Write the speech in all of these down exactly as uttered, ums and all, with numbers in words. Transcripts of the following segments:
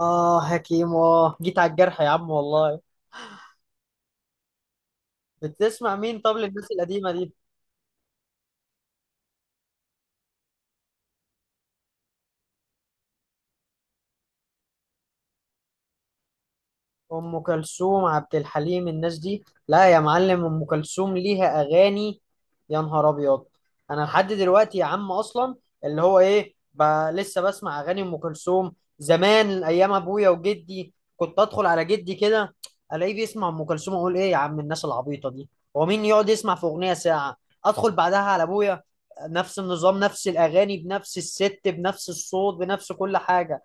اه حكيم، اه جيت على الجرح يا عم والله. بتسمع مين؟ طب للناس القديمة دي؟ ام كلثوم، عبد الحليم، الناس دي؟ لا يا معلم، ام كلثوم ليها اغاني. يا نهار ابيض! انا لحد دلوقتي يا عم اصلا، اللي هو ايه، ب... لسه بسمع اغاني ام كلثوم. زمان، ايام ابويا وجدي، كنت ادخل على جدي كده الاقيه بيسمع ام كلثوم، اقول: ايه يا عم الناس العبيطه دي؟ هو مين يقعد يسمع في اغنيه ساعه؟ ادخل بعدها على ابويا، نفس النظام، نفس الاغاني، بنفس الست، بنفس الصوت، بنفس كل حاجه.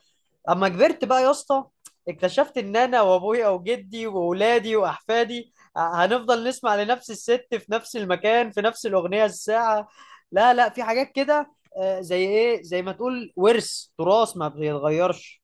اما كبرت بقى يا اسطى، اكتشفت ان انا وابويا وجدي واولادي واحفادي هنفضل نسمع لنفس الست في نفس المكان في نفس الاغنيه الساعه. لا، لا، في حاجات كده. آه، زي ايه، زي ما تقول ورث تراث ما بيتغيرش.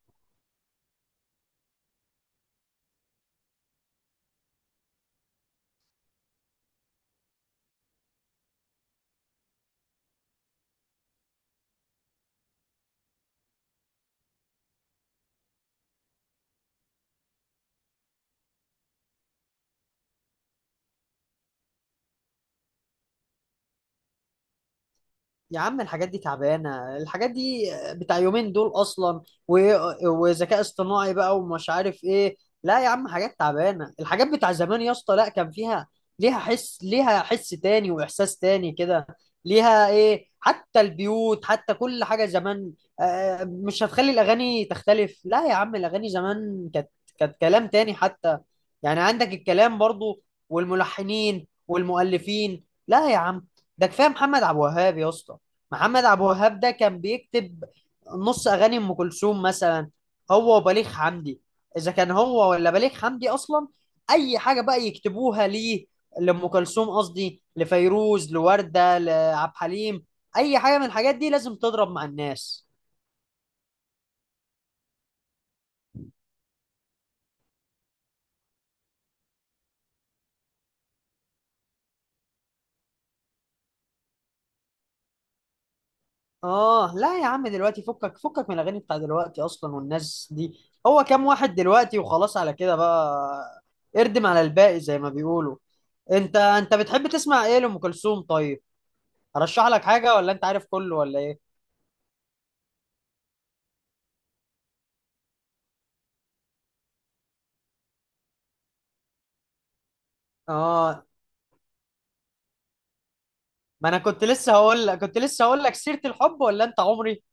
يا عم، الحاجات دي تعبانة، الحاجات دي بتاع يومين دول أصلا، و- وذكاء اصطناعي بقى ومش عارف إيه. لا يا عم، حاجات تعبانة، الحاجات بتاع زمان يا اسطى، لا، كان فيها، ليها حس، ليها حس تاني وإحساس تاني كده. ليها إيه، حتى البيوت، حتى كل حاجة زمان. آه، مش هتخلي الأغاني تختلف؟ لا يا عم، الأغاني زمان كانت كانت كلام تاني حتى. يعني عندك الكلام برضو، والملحنين والمؤلفين، لا يا عم، ده كفاية محمد عبد الوهاب يا اسطى. محمد عبد الوهاب ده كان بيكتب نص اغاني ام كلثوم مثلا، هو وبليغ حمدي، اذا كان هو ولا بليغ حمدي اصلا. اي حاجه بقى يكتبوها ليه، لام كلثوم، قصدي لفيروز، لورده، لعبد الحليم، اي حاجه من الحاجات دي لازم تضرب مع الناس. اه، لا يا عم، دلوقتي فكك فكك من الاغاني بتاع دلوقتي اصلا والناس دي. هو كام واحد دلوقتي وخلاص، على كده بقى، اردم على الباقي زي ما بيقولوا. انت انت بتحب تسمع ايه لام كلثوم؟ طيب، ارشح لك حاجه ولا انت عارف كله ولا ايه؟ اه، ما انا كنت لسه هقول لك كنت لسه هقول لك سيره الحب ولا انت عمري.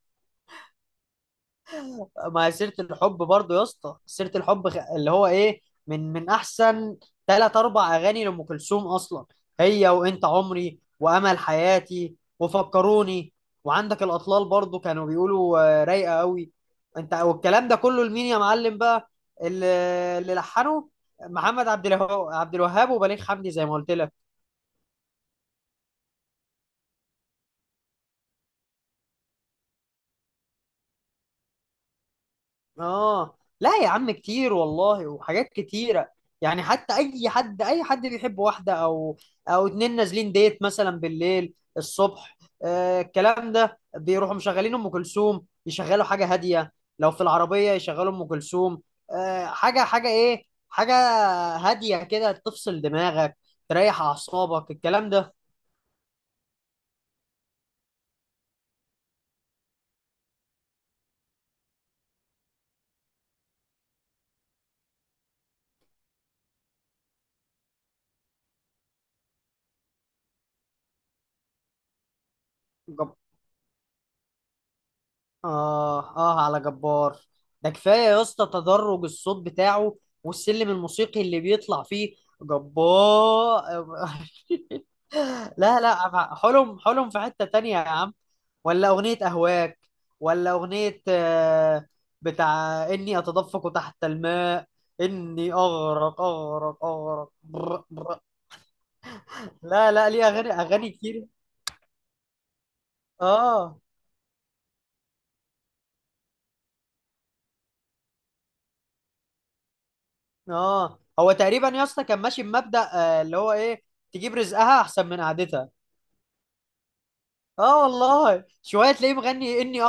ما هي سيره الحب برضو يا اسطى، سيره الحب خ- اللي هو ايه، من من احسن ثلاث اربع اغاني لام كلثوم اصلا، هي وانت عمري وامل حياتي وفكروني. وعندك الاطلال برضو، كانوا بيقولوا آه، رايقه قوي. انت والكلام ده كله لمين يا معلم بقى؟ اللي، اللي لحنه محمد عبد الوهاب، عبد الوهاب وبليغ حمدي زي ما قلت لك. اه، لا يا عم، كتير والله، وحاجات كتيرة. يعني حتى اي حد، اي حد بيحب واحدة او، او اتنين نازلين ديت مثلا بالليل الصبح، آه، الكلام ده، بيروحوا مشغلين ام كلثوم، يشغلوا حاجة هادية، لو في العربية يشغلوا ام كلثوم. آه، حاجة، حاجة ايه، حاجة هادية كده تفصل دماغك، تريح اعصابك الكلام ده. آه، آه، على جبار، ده كفاية يا اسطى تدرج الصوت بتاعه والسلم الموسيقي اللي بيطلع فيه. جبار! لا، لا، حلم، حلم في حتة تانية يا عم، ولا أغنية أهواك، ولا أغنية آه، بتاع إني أتدفق تحت الماء، إني أغرق أغرق أغرق، بر بر. لا، لا، ليه، أغاني، أغاني كتير. آه. آه، هو تقريبا يا اسطى كان ماشي بمبدأ آه، اللي هو إيه، تجيب رزقها أحسن من قعدتها. اه والله، شويه تلاقيه مغني: اني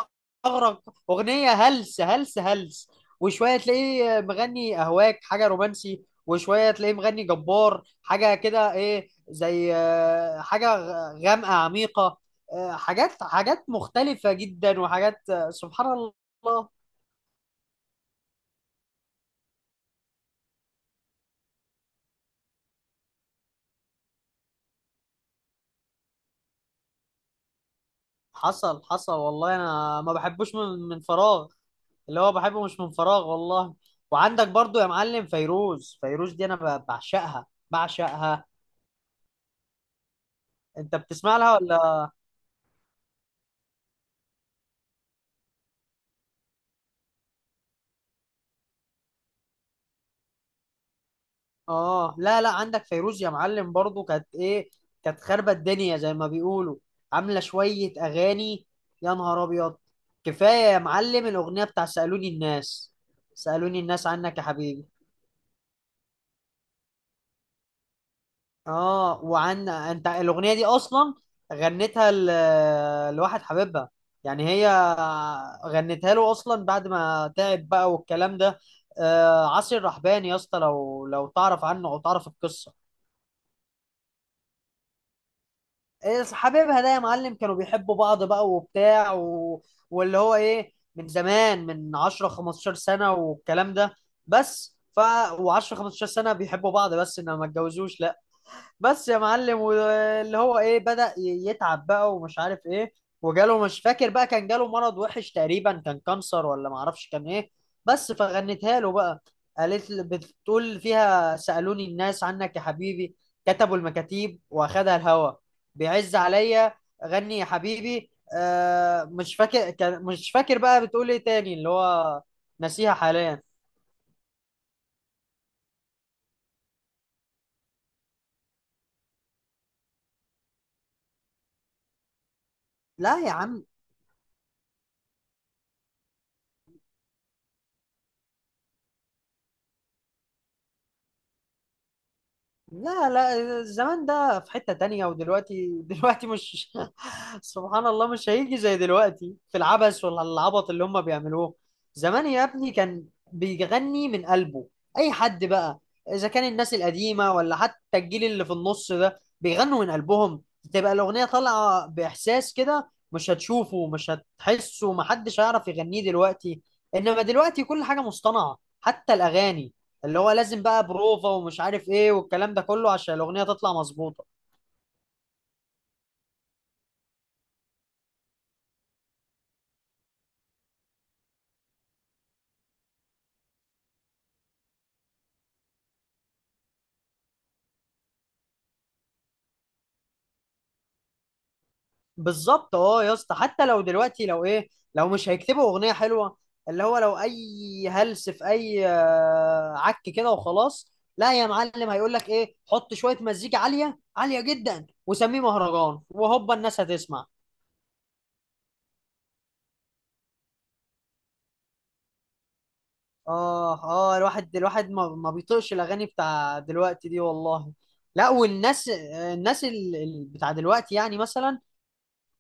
اغرق، اغنيه هلس هلس هلس، وشويه تلاقيه مغني اهواك، حاجه رومانسي، وشويه تلاقيه مغني جبار، حاجه كده، ايه، زي آه، حاجه غ- غامقه عميقه. آه، حاجات، حاجات مختلفه جدا، وحاجات آه، سبحان الله. حصل، حصل والله، انا ما بحبوش من من فراغ، اللي هو بحبه مش من فراغ والله. وعندك برضو يا معلم فيروز، فيروز دي انا ب- بعشقها، بعشقها. انت بتسمع لها ولا؟ اه، لا، لا، عندك فيروز يا معلم برضو، كانت ايه، كانت خاربة الدنيا زي ما بيقولوا، عاملة شوية اغاني، يا نهار ابيض! كفاية يا معلم الاغنية بتاع سألوني الناس. سألوني الناس عنك يا حبيبي. اه، وعن انت، الاغنية دي اصلا غنتها ل... لواحد حبيبها، يعني هي غنتها له اصلا بعد ما تعب بقى والكلام ده. آه، عاصي الرحباني يا اسطى، لو لو تعرف عنه او تعرف القصة. إيه، حبايبها ده يا معلم كانوا بيحبوا بعض بقى، وبتاع و... واللي هو ايه، من زمان، من عشرة خمستاشر سنة والكلام ده. بس، ف و10 خمسة عشر سنة بيحبوا بعض، بس انما ما اتجوزوش، لا، بس يا معلم، واللي هو ايه، بدأ ي- يتعب بقى ومش عارف ايه، وجاله، مش فاكر بقى، كان جاله مرض وحش تقريبا، كان كانسر ولا معرفش كان ايه. بس فغنتها له بقى، قالت ل- بتقول فيها: سألوني الناس عنك يا حبيبي، كتبوا المكاتيب واخدها الهوا، بيعز عليا، غني يا حبيبي. آه مش فاكر، كان مش فاكر بقى بتقول ايه تاني، اللي هو، نسيها حاليا. لا يا عم، لا، لا، الزمان ده في حتة تانية، ودلوقتي، دلوقتي مش سبحان الله مش هيجي زي دلوقتي في العبث ولا العبط اللي هم بيعملوه. زمان يا ابني كان بيغني من قلبه، اي حد بقى، اذا كان الناس القديمة ولا حتى الجيل اللي في النص ده بيغنوا من قلبهم، تبقى الأغنية طالعة بإحساس كده، مش هتشوفه، مش هتحسه، محدش هيعرف يغنيه دلوقتي. انما دلوقتي كل حاجة مصطنعة، حتى الأغاني، اللي هو لازم بقى بروفا ومش عارف ايه والكلام ده كله عشان الاغنيه تطلع مظبوطه. بالظبط اه يا اسطى، حتى لو دلوقتي، لو ايه، لو مش هيكتبوا اغنيه حلوه، اللي هو لو اي هلس، في اي آه، عك كده وخلاص. لا يا معلم، هيقول لك ايه: حط شويه مزيكا عاليه عاليه جدا وسميه مهرجان، وهوبا الناس هتسمع. اه، اه، الواحد، الواحد ما, ما بيطيقش الاغاني بتاع دلوقتي دي والله. لا، والناس، الناس ال- ال- بتاع دلوقتي، يعني مثلا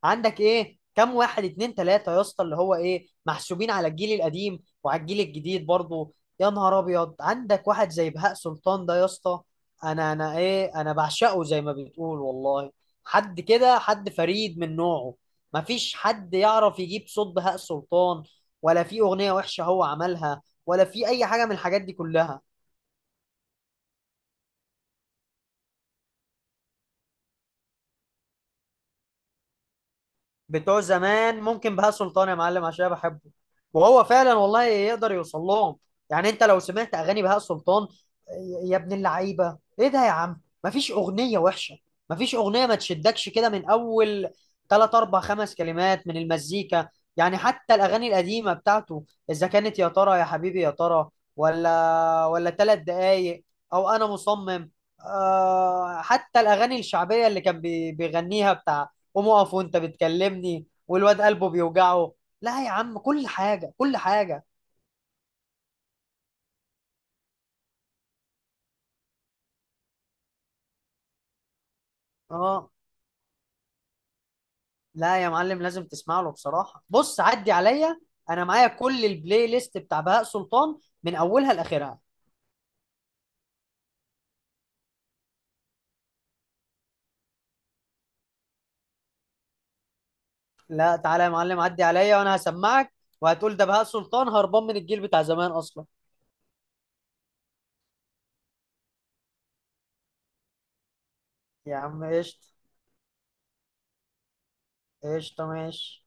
عندك ايه، كم واحد، اتنين، تلاتة يا اسطى، اللي هو ايه، محسوبين على الجيل القديم وعلى الجيل الجديد برضه. يا نهار ابيض، عندك واحد زي بهاء سلطان ده يا اسطى، انا، انا ايه، انا بعشقه زي ما بتقول والله. حد كده، حد فريد من نوعه، مفيش حد يعرف يجيب صوت بهاء سلطان، ولا في اغنية وحشة هو عملها، ولا في اي حاجة من الحاجات دي كلها. بتوع زمان ممكن بهاء سلطان يا معلم عشان أنا بحبه، وهو فعلا والله يقدر يوصل لهم. يعني انت لو سمعت اغاني بهاء سلطان، يا ابن اللعيبه، ايه ده يا عم، مفيش اغنيه وحشه، مفيش اغنيه ما تشدكش كده من اول ثلاث اربع خمس كلمات من المزيكا. يعني حتى الاغاني القديمه بتاعته، اذا كانت يا ترى يا حبيبي يا ترى، ولا ولا ثلاث دقايق، او انا مصمم. آه، حتى الاغاني الشعبيه اللي كان بي- بيغنيها، بتاع قوم اقف وانت بتكلمني، والواد قلبه بيوجعه. لا يا عم، كل حاجه، كل حاجه. اه، لا يا معلم، لازم تسمع له بصراحه، بص عدي عليا، انا معايا كل البلاي ليست بتاع بهاء سلطان من اولها لاخرها. لا، تعالى يا معلم عدي عليا وانا هسمعك، وهتقول ده بهاء سلطان هربان من الجيل بتاع زمان اصلا. يا عم قشطه، قشطه ماشي.